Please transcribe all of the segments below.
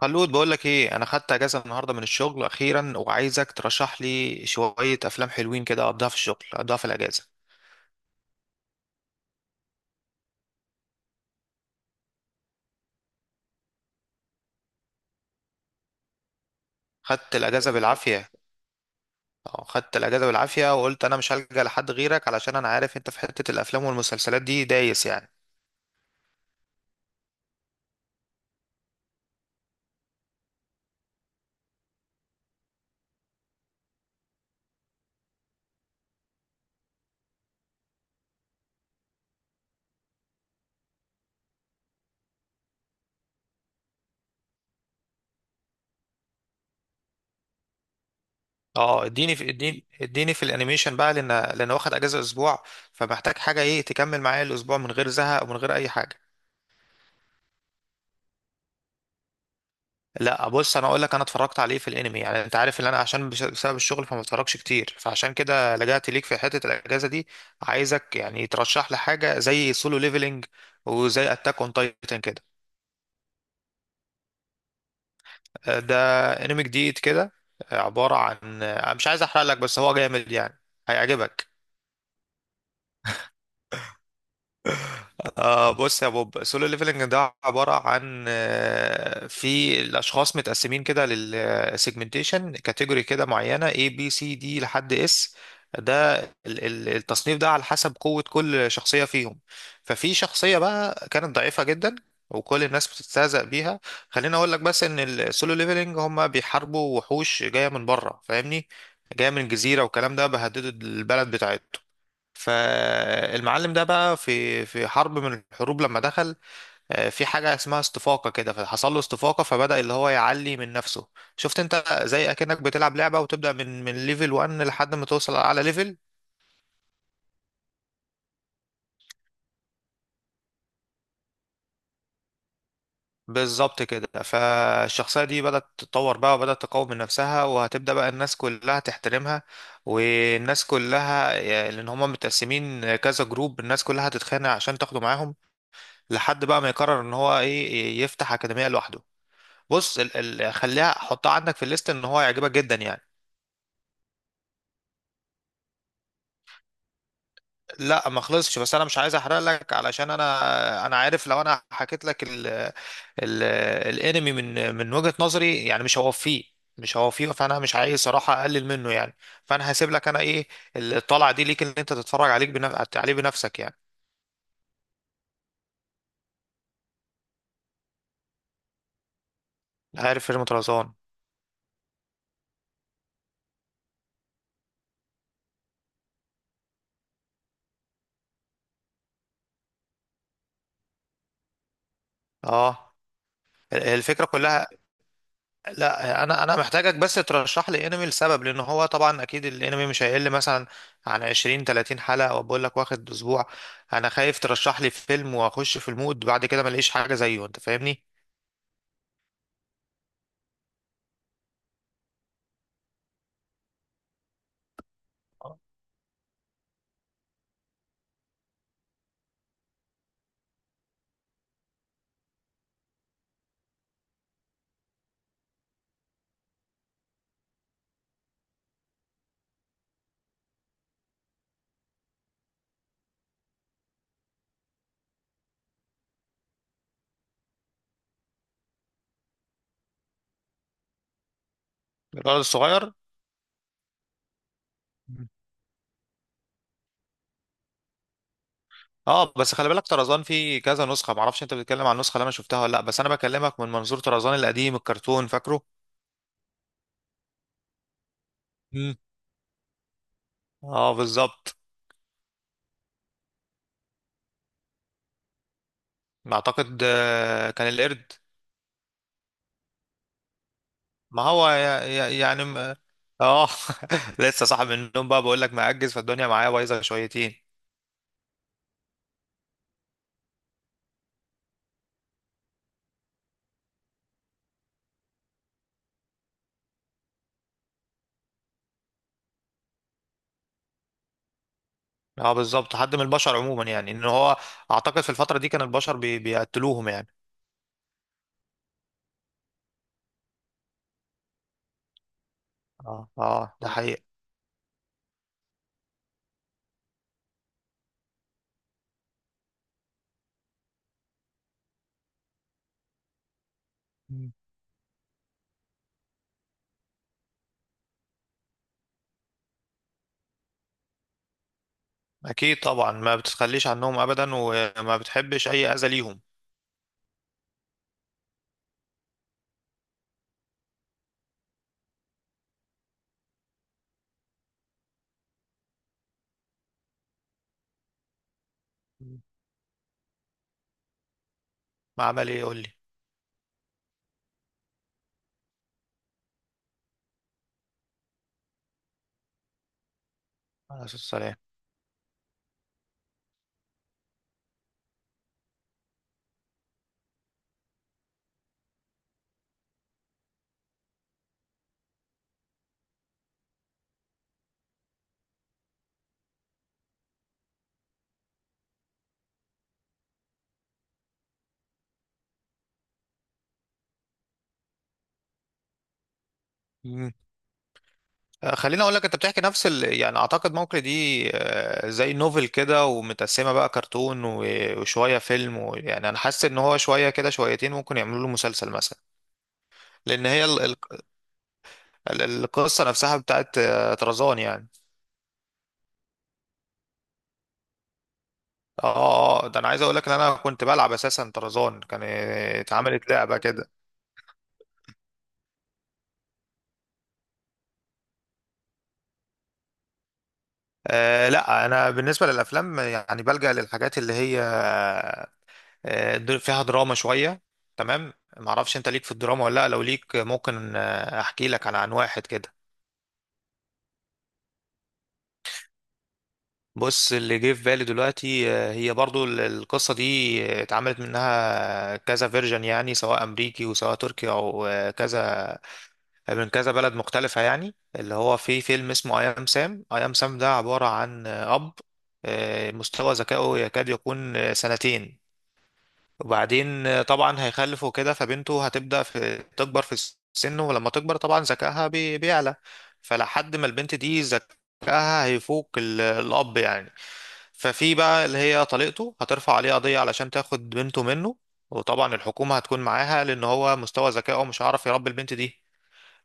خلود، بقول لك ايه، انا خدت اجازه النهارده من الشغل اخيرا، وعايزك ترشح لي شويه افلام حلوين كده، اقضيها في الاجازه. خدت الاجازه بالعافيه اه، خدت الاجازه بالعافيه، وقلت انا مش هلجأ لحد غيرك علشان انا عارف انت في حته الافلام والمسلسلات دي دايس يعني. اه، اديني في، الانيميشن بقى، لان واخد اجازه اسبوع، فمحتاج حاجه ايه تكمل معايا الاسبوع من غير زهق ومن غير اي حاجه. لا، بص انا اقول لك، انا اتفرجت عليه في الانمي. يعني انت عارف ان انا عشان بسبب الشغل فما بتفرجش كتير، فعشان كده لجأت ليك في حتة الاجازة دي. عايزك يعني ترشح لي حاجة زي سولو ليفلينج، وزي اتاك اون تايتن كده. ده انمي جديد كده. عبارة عن، مش عايز احرق لك بس هو جامد يعني، هيعجبك. بص يا بوب، سولو ليفلنج ده عبارة عن في الأشخاص متقسمين كده للسيجمنتيشن كاتيجوري كده معينة A B C D لحد S. ده التصنيف ده على حسب قوة كل شخصية فيهم. ففي شخصية بقى كانت ضعيفة جدا، وكل الناس بتستهزأ بيها. خليني أقول لك بس إن السولو ليفلنج هما بيحاربوا وحوش جاية من بره، فاهمني؟ جاية من جزيرة والكلام ده، بهددوا البلد بتاعتهم. فالمعلم ده بقى في حرب من الحروب، لما دخل في حاجة اسمها استفاقة كده، فحصل له استفاقة فبدأ اللي هو يعلي من نفسه. شفت انت، زي اكنك بتلعب لعبة وتبدأ من ليفل 1 لحد ما توصل على ليفل. بالظبط كده. فالشخصية دي بدأت تتطور بقى، وبدأت تقوم من نفسها، وهتبدأ بقى الناس كلها تحترمها. والناس كلها يعني، لأن هما متقسمين كذا جروب، الناس كلها هتتخانق عشان تاخده معاهم، لحد بقى ما يقرر ان هو ايه، يفتح أكاديمية لوحده. بص، ال ال خليها حطها عندك في الليست، ان هو يعجبك جدا يعني. لا، ما خلصش، بس انا مش عايز احرق لك علشان انا عارف، لو انا حكيت لك ال ال الانمي من وجهة نظري يعني مش هوفيه، فانا مش عايز صراحة اقلل منه يعني. فانا هسيب لك انا ايه، الطلعة دي ليك ان انت تتفرج عليه بنفسك يعني. عارف فيلم طرزان؟ اه، الفكرة كلها. لا، انا محتاجك بس ترشح لي انمي لسبب، لان هو طبعا اكيد الانمي مش هيقل مثلا عن 20 30 حلقه، وبقول لك واخد اسبوع. انا خايف ترشح لي فيلم واخش في المود، بعد كده ما الاقيش حاجه زيه، انت فاهمني؟ الولد الصغير. اه، بس خلي بالك، طرزان فيه كذا نسخه، معرفش انت بتتكلم عن النسخه اللي انا شفتها ولا لا، بس انا بكلمك من منظور طرزان القديم الكرتون، فاكره؟ مم. اه، بالظبط. اعتقد كان القرد. ما هو يعني. اه، لسه صاحي من النوم بقى، بقول لك مأجز، فالدنيا معايا بايظه شويتين. اه، بالظبط، حد من البشر عموما يعني، ان هو اعتقد في الفتره دي كان البشر بيقتلوهم يعني. اه، اه. ده حقيقي. مم. اكيد طبعا، ما بتتخليش عنهم ابدا وما بتحبش اي اذى ليهم. مم. ما عمل ايه، يقول لي؟ عليه الصلاه والسلام. خليني اقول لك، انت بتحكي نفس يعني اعتقد ممكن دي زي نوفل كده، ومتقسمه بقى كرتون وشويه فيلم يعني انا حاسس ان هو شويه كده شويتين ممكن يعملوا له مسلسل مثلا. لان هي القصه نفسها بتاعت طرزان يعني. اه، ده انا عايز اقول لك ان انا كنت بلعب اساسا، طرزان كان اتعملت لعبه كده. لا، انا بالنسبه للافلام يعني بلجأ للحاجات اللي هي فيها دراما شوية. تمام. معرفش انت ليك في الدراما ولا لا؟ لو ليك، ممكن احكي لك عن واحد كده. بص، اللي جه في بالي دلوقتي، هي برضو القصة دي اتعملت منها كذا فيرجن يعني، سواء امريكي وسواء تركي او كذا، من كذا بلد مختلفة يعني، اللي هو في فيلم اسمه اي ام سام. ده عبارة عن اب، مستوى ذكائه يكاد يكون سنتين. وبعدين طبعا هيخلف وكده، فبنته هتبدأ في تكبر في السن، ولما تكبر طبعا ذكائها بيعلى. فلحد ما البنت دي ذكائها هيفوق الأب يعني. ففي بقى اللي هي طليقته هترفع عليه قضية علشان تاخد بنته منه، وطبعا الحكومة هتكون معاها، لأن هو مستوى ذكائه مش هيعرف يربي البنت دي.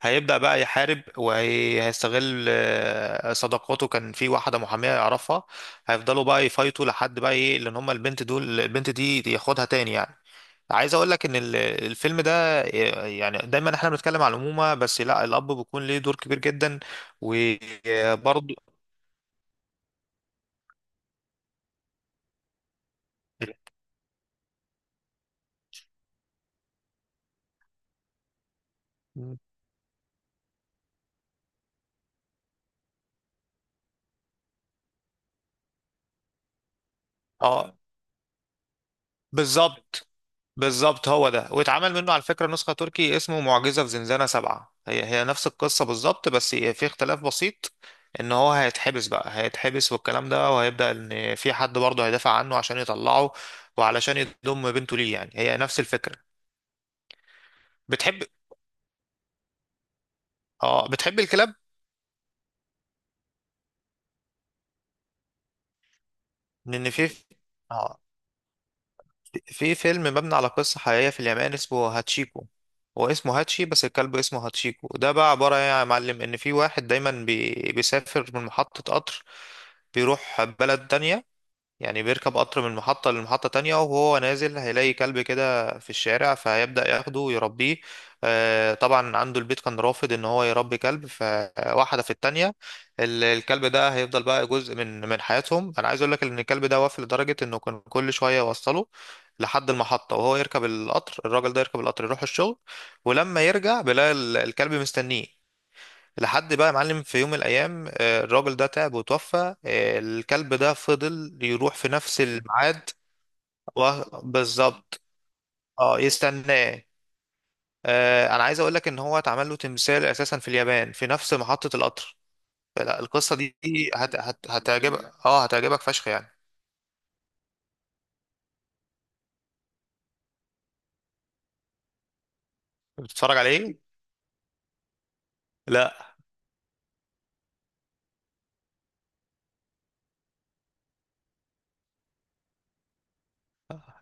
هيبدأ بقى يحارب، وهيستغل صداقاته. كان في واحدة محامية يعرفها. هيفضلوا بقى يفايتوا لحد بقى ايه، لان هما البنت دي ياخدها تاني يعني. عايز اقول لك ان الفيلم ده يعني دايما احنا بنتكلم على الأمومة، بس لا، الأب بيكون ليه دور كبير جدا. وبرضه. اه، بالظبط بالظبط، هو ده، واتعمل منه على فكرة نسخة تركي اسمه معجزة في زنزانة سبعة. هي هي نفس القصة بالظبط، بس في اختلاف بسيط، ان هو هيتحبس بقى، هيتحبس والكلام ده، وهيبدأ ان في حد برضه هيدافع عنه عشان يطلعه، وعلشان يضم بنته ليه يعني. هي نفس الفكرة. بتحب اه بتحب الكلاب؟ لان في اه فيلم مبني على قصة حقيقية في اليابان اسمه هاتشيكو. هو اسمه هاتشي، بس الكلب اسمه هاتشيكو. ده بقى عبارة ايه يا معلم، ان في واحد دايما بيسافر من محطة قطر، بيروح بلد تانية، يعني بيركب قطر من محطة لمحطة تانية، وهو نازل هيلاقي كلب كده في الشارع، فهيبدأ ياخده ويربيه. طبعا عنده البيت كان رافض ان هو يربي كلب، فواحدة في التانية الكلب ده هيفضل بقى جزء من حياتهم. انا عايز اقول لك ان الكلب ده وافي، لدرجة انه كان كل شوية يوصله لحد المحطة، وهو يركب القطر، الراجل ده يركب القطر يروح الشغل، ولما يرجع بيلاقي الكلب مستنيه. لحد بقى يا معلم في يوم من الايام، الراجل ده تعب وتوفى. الكلب ده فضل يروح في نفس الميعاد. بالظبط. اه، يستناه. انا عايز اقول لك ان هو اتعمل له تمثال اساسا في اليابان في نفس محطة القطر. فلا، القصة دي هتعجبك. اه، فشخ يعني. بتتفرج عليه؟ لا،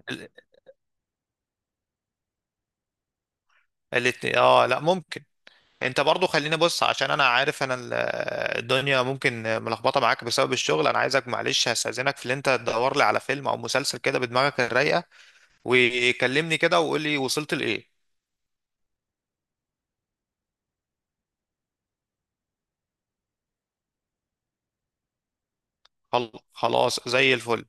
ال- الاتنين. اه لا، ممكن. انت برضو، خليني بص، عشان انا عارف الدنيا ممكن ملخبطه معاك بسبب الشغل. انا عايزك معلش، هستاذنك في اللي انت تدور لي على فيلم او مسلسل كده بدماغك الرايقه، وكلمني كده وقول لي وصلت لايه. خلاص، زي الفل.